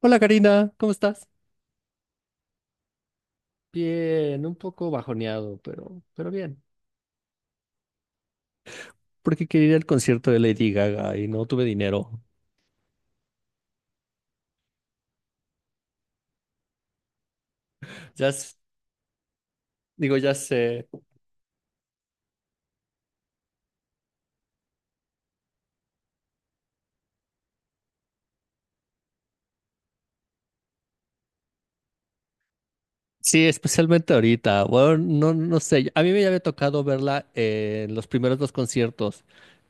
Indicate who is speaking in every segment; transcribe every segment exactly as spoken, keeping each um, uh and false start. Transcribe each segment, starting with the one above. Speaker 1: Hola Karina, ¿cómo estás? Bien, un poco bajoneado, pero, pero bien. Porque quería ir al concierto de Lady Gaga y no tuve dinero. Ya, s- digo, ya sé. Sí, especialmente ahorita. Bueno, no, no sé. A mí me había tocado verla en los primeros dos conciertos,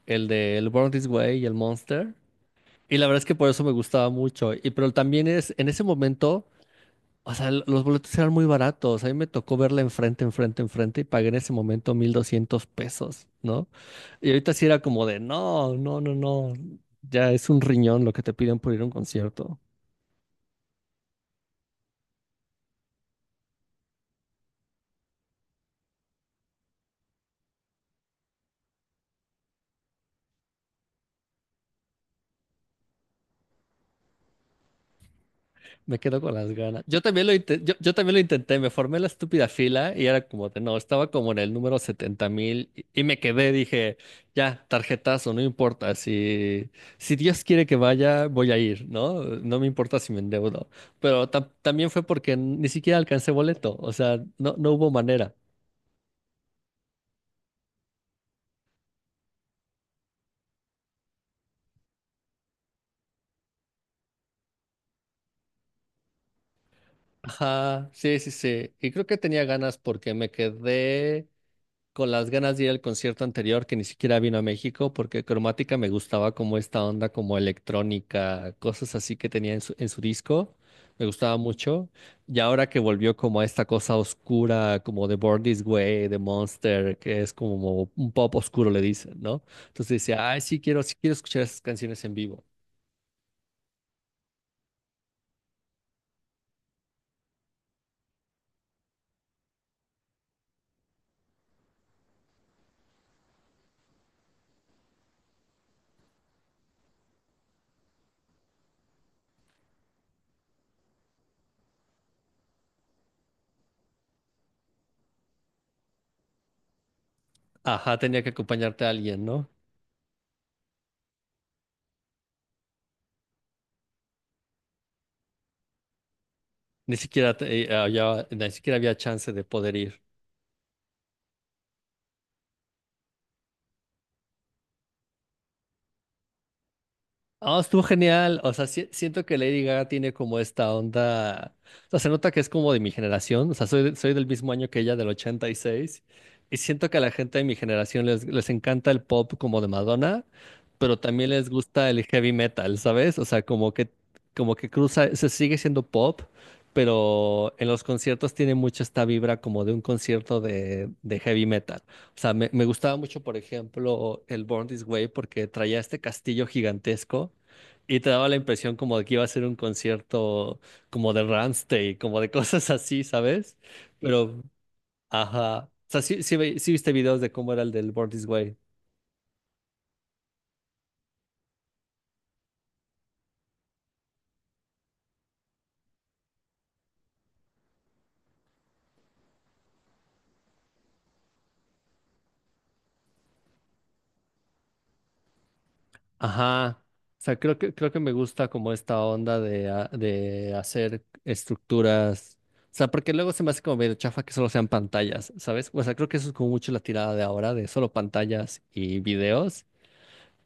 Speaker 1: el de del Born This Way y el Monster. Y la verdad es que por eso me gustaba mucho. Y pero también es en ese momento. O sea, l- los boletos eran muy baratos. A mí me tocó verla enfrente, enfrente, enfrente y pagué en ese momento mil doscientos pesos, ¿no? Y ahorita sí era como de, no, no, no, no. Ya es un riñón lo que te piden por ir a un concierto. Me quedo con las ganas. Yo también lo intenté, yo, yo también lo intenté, me formé la estúpida fila y era como de, no, estaba como en el número setenta mil y, y me quedé, dije, ya, tarjetazo, no importa, si, si Dios quiere que vaya, voy a ir, ¿no? No me importa si me endeudo. Pero tam- también fue porque ni siquiera alcancé boleto, o sea, no, no hubo manera. Ajá, sí, sí, sí. Y creo que tenía ganas porque me quedé con las ganas de ir al concierto anterior que ni siquiera vino a México porque Cromática me gustaba como esta onda como electrónica, cosas así que tenía en su, en su disco, me gustaba mucho. Y ahora que volvió como a esta cosa oscura, como de Born This Way, de Monster, que es como un pop oscuro le dicen, ¿no? Entonces decía, ay, sí quiero, sí quiero escuchar esas canciones en vivo. Ajá, tenía que acompañarte a alguien, ¿no? Ni siquiera, te- eh, había- ni siquiera había chance de poder ir. Ah, estuvo genial. O sea, si- siento que Lady Gaga tiene como esta onda. O sea, se nota que es como de mi generación. O sea, soy, de- soy del mismo año que ella, del ochenta y seis. Y siento que a la gente de mi generación les, les encanta el pop como de Madonna, pero también les gusta el heavy metal, ¿sabes? O sea, como que, como que cruza, se sigue siendo pop, pero en los conciertos tiene mucho esta vibra como de un concierto de, de heavy metal. O sea, me, me gustaba mucho, por ejemplo, el Born This Way porque traía este castillo gigantesco y te daba la impresión como de que iba a ser un concierto como de Rammstein, como de cosas así, ¿sabes? Pero, ajá. O sea, sí, sí, vi- sí viste videos de cómo era el del Born This Way. Ajá. O sea, creo que, creo que me gusta como esta onda de, ha- de hacer estructuras. O sea, porque luego se me hace como medio chafa que solo sean pantallas, ¿sabes? O sea, creo que eso es como mucho la tirada de ahora, de solo pantallas y videos.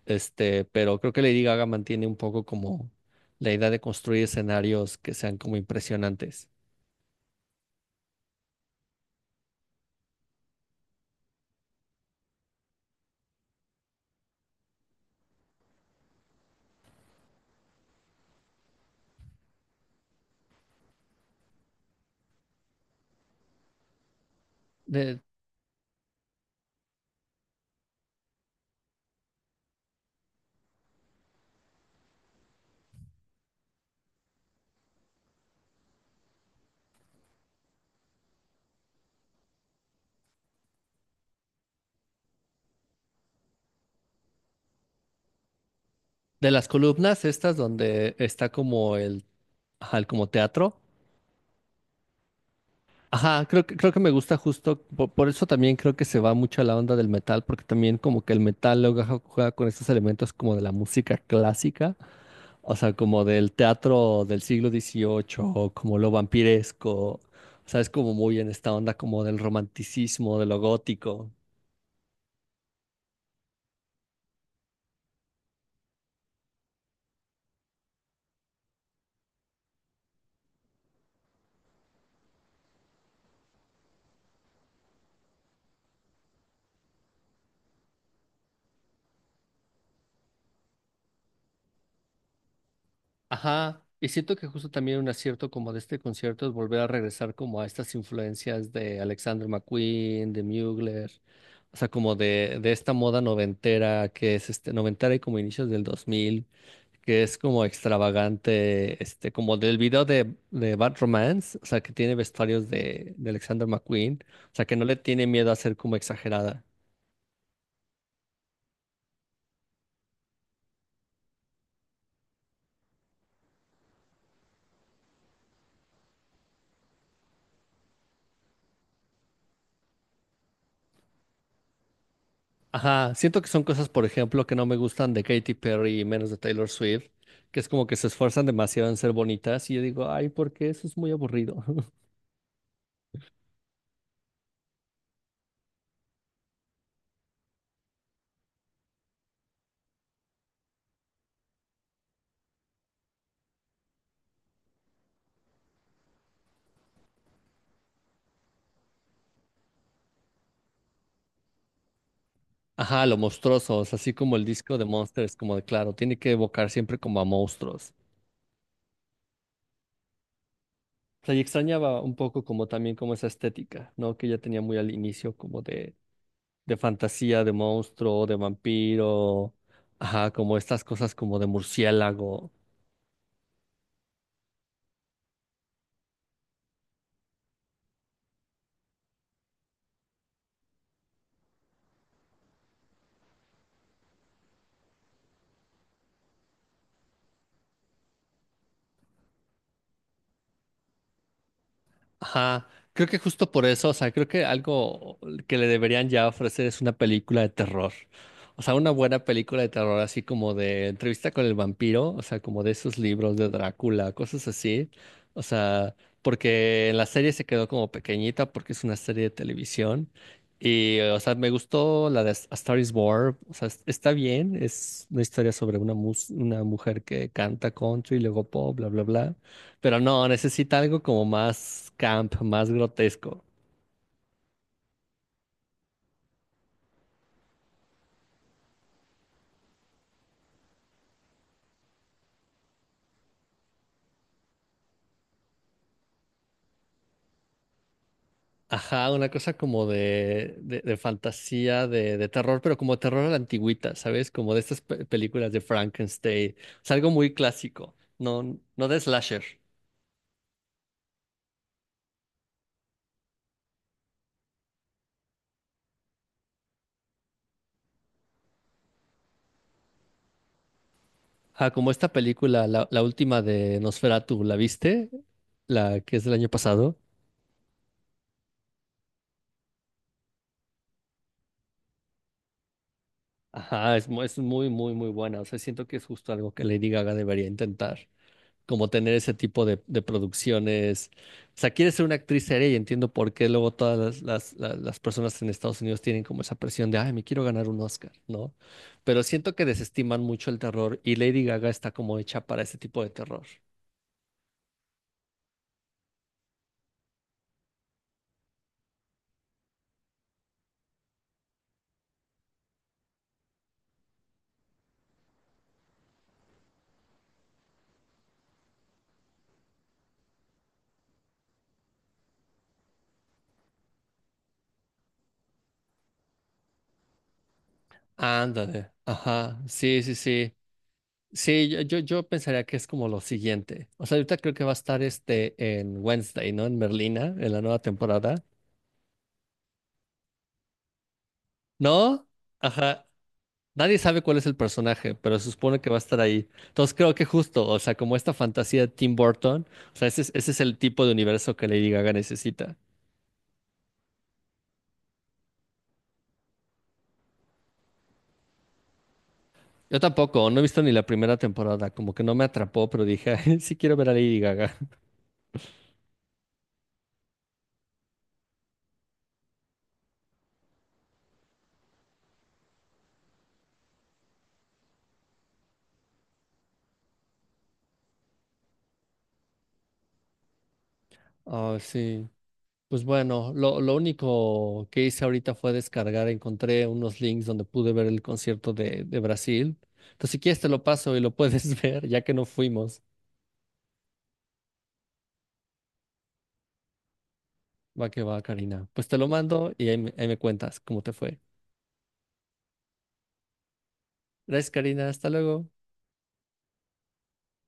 Speaker 1: Este, pero creo que Lady Gaga mantiene un poco como la idea de construir escenarios que sean como impresionantes. De, de las columnas estas donde está como el, ajá, el como teatro. Ajá, creo que, creo que me gusta justo, po- por eso también creo que se va mucho a la onda del metal, porque también como que el metal luego ja- juega con estos elementos como de la música clásica, o sea, como del teatro del siglo dieciocho, o como lo vampiresco, o sea, es como muy en esta onda como del romanticismo, de lo gótico. Ajá, y siento que justo también un acierto como de este concierto es volver a regresar como a estas influencias de Alexander McQueen, de Mugler, o sea, como de, de esta moda noventera que es este noventera y como inicios del dos mil, que es como extravagante, este, como del video de, de Bad Romance, o sea, que tiene vestuarios de, de Alexander McQueen, o sea, que no le tiene miedo a ser como exagerada. Ajá, siento que son cosas, por ejemplo, que no me gustan de Katy Perry y menos de Taylor Swift, que es como que se esfuerzan demasiado en ser bonitas y yo digo, ay, ¿por qué? Eso es muy aburrido. Ajá, lo monstruosos, así como el disco de Monsters, como de claro, tiene que evocar siempre como a monstruos. O sea, y extrañaba un poco como también como esa estética, ¿no? Que ya tenía muy al inicio como de, de fantasía, de monstruo, de vampiro, ajá, como estas cosas como de murciélago. Ajá, creo que justo por eso, o sea, creo que algo que le deberían ya ofrecer es una película de terror. O sea, una buena película de terror, así como de entrevista con el vampiro, o sea, como de esos libros de Drácula, cosas así. O sea, porque en la serie se quedó como pequeñita porque es una serie de televisión. Y, o sea, me gustó la de A Star is Born, o sea, es- está bien, es una historia sobre una, mus- una mujer que canta country, luego pop, bla, bla, bla. Pero no, necesita algo como más camp, más grotesco. Ajá, una cosa como de, de, de fantasía, de, de terror, pero como terror a la antigüita, ¿sabes? Como de estas pe- películas de Frankenstein. Es algo muy clásico, no, no de slasher. Ajá, como esta película, la, la última de Nosferatu, ¿la viste? La que es del año pasado. Ajá, es, mu- es muy, muy, muy buena. O sea, siento que es justo algo que Lady Gaga debería intentar, como tener ese tipo de, de producciones. O sea, quieres ser una actriz seria y entiendo por qué luego todas las, las, la- las personas en Estados Unidos tienen como esa presión de, ay, me quiero ganar un Oscar, ¿no? Pero siento que desestiman mucho el terror y Lady Gaga está como hecha para ese tipo de terror. Ándale, ajá, sí, sí, sí. Sí, yo, yo, yo pensaría que es como lo siguiente. O sea, ahorita creo que va a estar este en Wednesday, ¿no? En Merlina, en la nueva temporada. ¿No? Ajá, nadie sabe cuál es el personaje, pero se supone que va a estar ahí. Entonces creo que justo, o sea, como esta fantasía de Tim Burton, o sea, ese es, ese es el tipo de universo que Lady Gaga necesita. Yo tampoco, no he visto ni la primera temporada, como que no me atrapó, pero dije, "Ay, sí quiero ver a Lady Gaga". Ah, sí. Pues bueno, lo, lo único que hice ahorita fue descargar, encontré unos links donde pude ver el concierto de, de Brasil. Entonces, si quieres te lo paso y lo puedes ver, ya que no fuimos. Va que va, Karina. Pues te lo mando y ahí me ahí me cuentas cómo te fue. Gracias, Karina. Hasta luego.